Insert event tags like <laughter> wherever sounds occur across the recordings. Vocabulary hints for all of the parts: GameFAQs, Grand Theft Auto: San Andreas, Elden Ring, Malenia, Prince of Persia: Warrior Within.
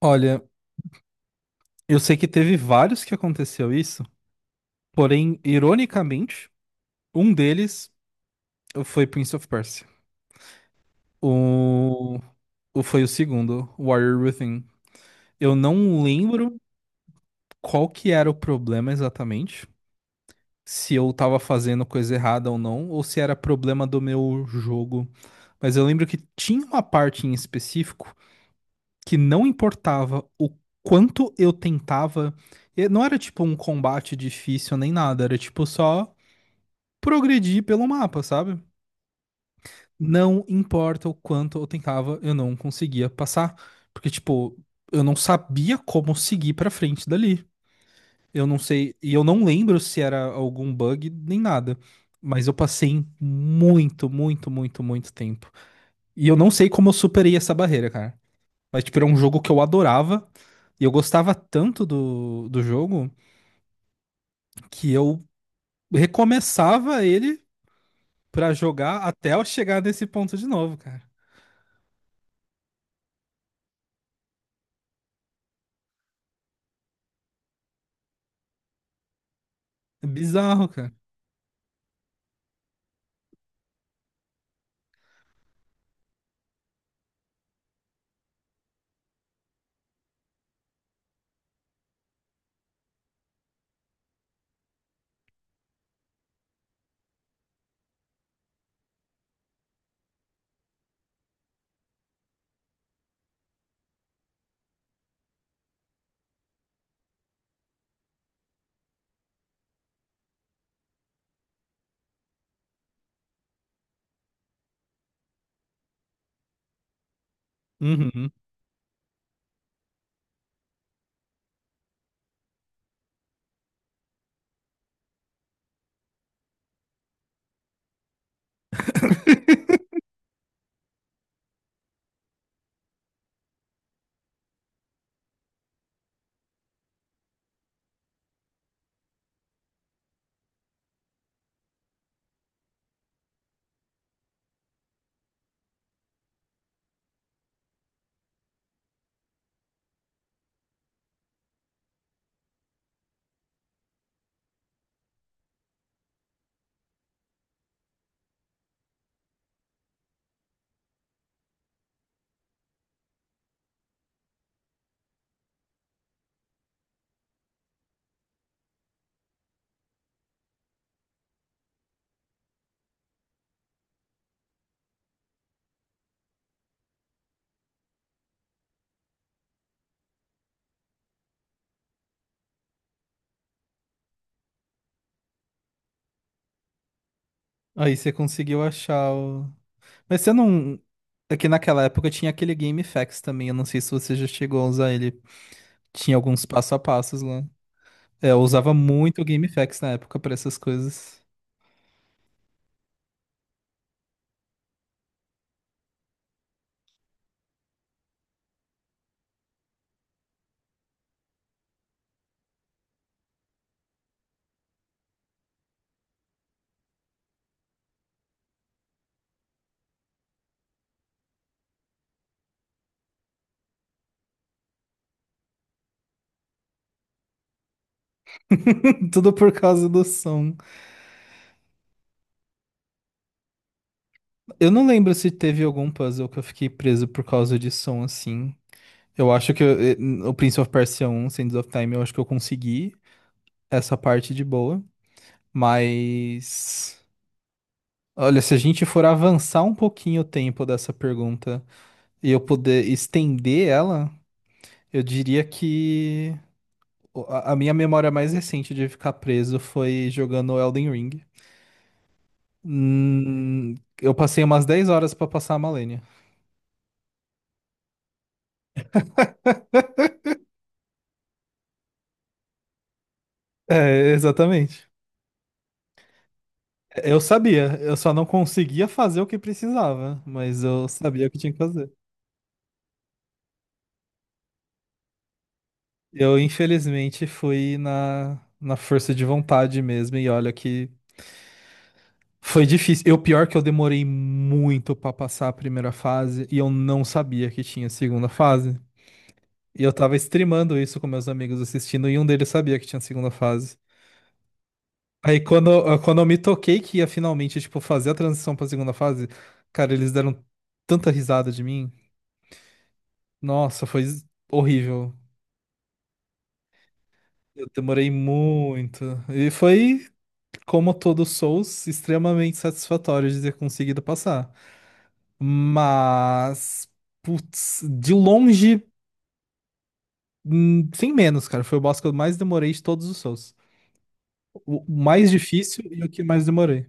Olha, eu sei que teve vários que aconteceu isso, porém, ironicamente, um deles foi Prince of Persia. O... Foi o segundo, Warrior Within. Eu não lembro qual que era o problema exatamente, se eu tava fazendo coisa errada ou não, ou se era problema do meu jogo. Mas eu lembro que tinha uma parte em específico que não importava o quanto eu tentava. Não era tipo um combate difícil nem nada, era tipo só progredir pelo mapa, sabe? Não importa o quanto eu tentava, eu não conseguia passar. Porque, tipo, eu não sabia como seguir pra frente dali. Eu não sei, e eu não lembro se era algum bug nem nada. Mas eu passei muito, muito, muito, muito tempo. E eu não sei como eu superei essa barreira, cara. Mas, tipo, era um jogo que eu adorava. E eu gostava tanto do jogo que eu recomeçava ele pra jogar até eu chegar nesse ponto de novo, cara. É bizarro, cara. Uhum. <laughs> Aí você conseguiu achar o. Mas você não. É que naquela época tinha aquele GameFAQs também. Eu não sei se você já chegou a usar ele. Tinha alguns passo a passos lá. É, eu usava muito o GameFAQs na época pra essas coisas. <laughs> Tudo por causa do som. Eu não lembro se teve algum puzzle que eu fiquei preso por causa de som assim. Eu acho que o Prince of Persia 1, Sands of Time, eu acho que eu consegui essa parte de boa. Mas. Olha, se a gente for avançar um pouquinho o tempo dessa pergunta e eu puder estender ela, eu diria que o- a minha memória mais recente de ficar preso foi jogando Elden Ring. Hum, eu passei umas 10 horas pra passar a Malenia. É, exatamente. Eu sabia, eu só não conseguia fazer o que precisava, mas eu sabia o que tinha que fazer. Eu, infelizmente, fui na força de vontade mesmo, e olha que foi difícil. Eu, pior que eu demorei muito pra passar a primeira fase e eu não sabia que tinha segunda fase. E eu tava streamando isso com meus amigos assistindo e um deles sabia que tinha segunda fase. Aí quando, quando eu me toquei que ia finalmente, tipo, fazer a transição pra segunda fase, cara, eles deram tanta risada de mim. Nossa, foi horrível. Eu demorei muito. E foi, como todo Souls, extremamente satisfatório de ter conseguido passar. Mas, putz, de longe, sem menos, cara. Foi o boss que eu mais demorei de todos os Souls. O mais difícil e o que mais demorei.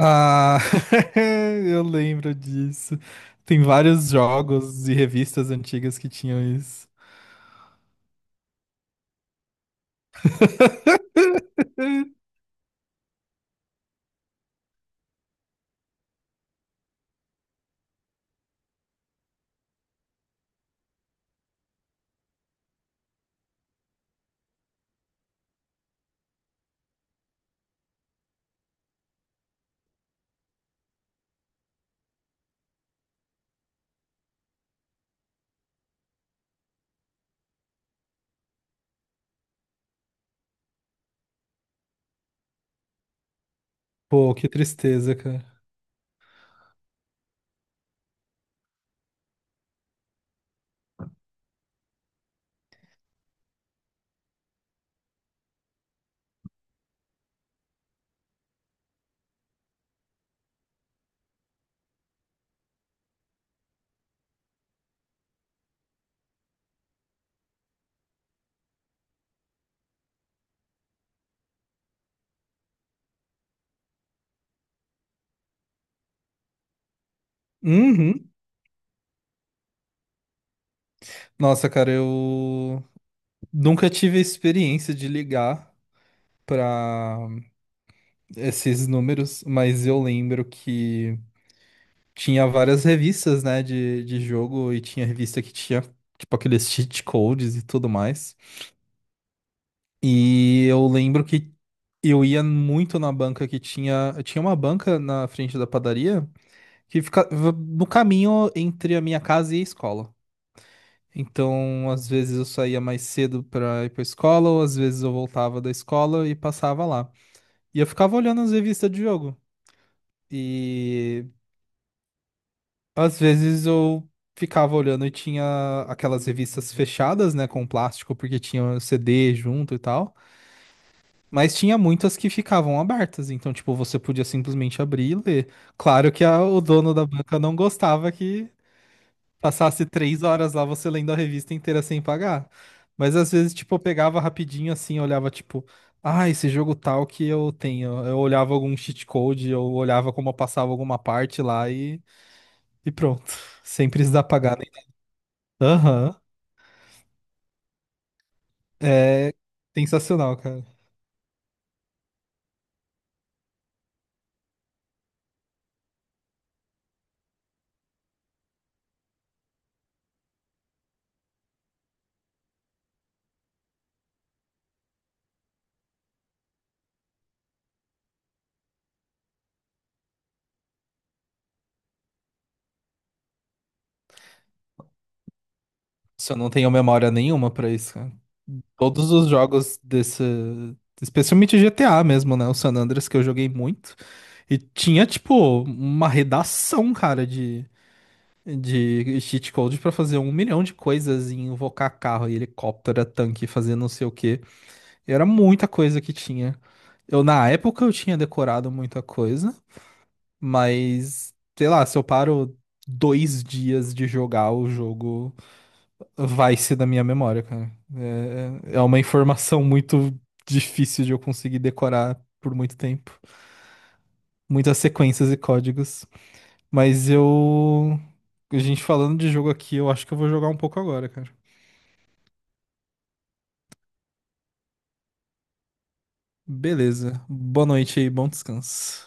Ah, <laughs> eu lembro disso. Tem vários jogos e revistas antigas que tinham isso. Pô, que tristeza, cara. Uhum. Nossa, cara, eu nunca tive a experiência de ligar pra esses números, mas eu lembro que tinha várias revistas, né, de jogo, e tinha revista que tinha, tipo, aqueles cheat codes e tudo mais. E eu lembro que eu ia muito na banca que tinha. Tinha uma banca na frente da padaria que ficava no caminho entre a minha casa e a escola. Então, às vezes eu saía mais cedo pra ir pra escola, ou às vezes eu voltava da escola e passava lá. E eu ficava olhando as revistas de jogo. E às vezes eu ficava olhando e tinha aquelas revistas fechadas, né, com plástico, porque tinha CD junto e tal. Mas tinha muitas que ficavam abertas, então, tipo, você podia simplesmente abrir e ler. Claro que o dono da banca não gostava que passasse 3 horas lá você lendo a revista inteira sem pagar. Mas às vezes, tipo, eu pegava rapidinho assim, olhava, tipo, ah, esse jogo tal que eu tenho. Eu olhava algum cheat code, eu olhava como eu passava alguma parte lá e pronto. <laughs> Sempre pagar. Aham. É sensacional, cara. Se eu não tenho memória nenhuma pra isso, cara. Todos os jogos desse. Especialmente GTA mesmo, né? O San Andreas que eu joguei muito. E tinha, tipo, uma redação, cara, de cheat code pra fazer um milhão de coisas e invocar carro e helicóptero, tanque, fazer não sei o quê. Era muita coisa que tinha. Eu, na época, eu tinha decorado muita coisa. Mas, sei lá, se eu paro 2 dias de jogar, o jogo vai-se da minha memória, cara. É, é uma informação muito difícil de eu conseguir decorar por muito tempo. Muitas sequências e códigos. Mas eu. A gente falando de jogo aqui, eu acho que eu vou jogar um pouco agora, cara. Beleza. Boa noite aí, bom descanso.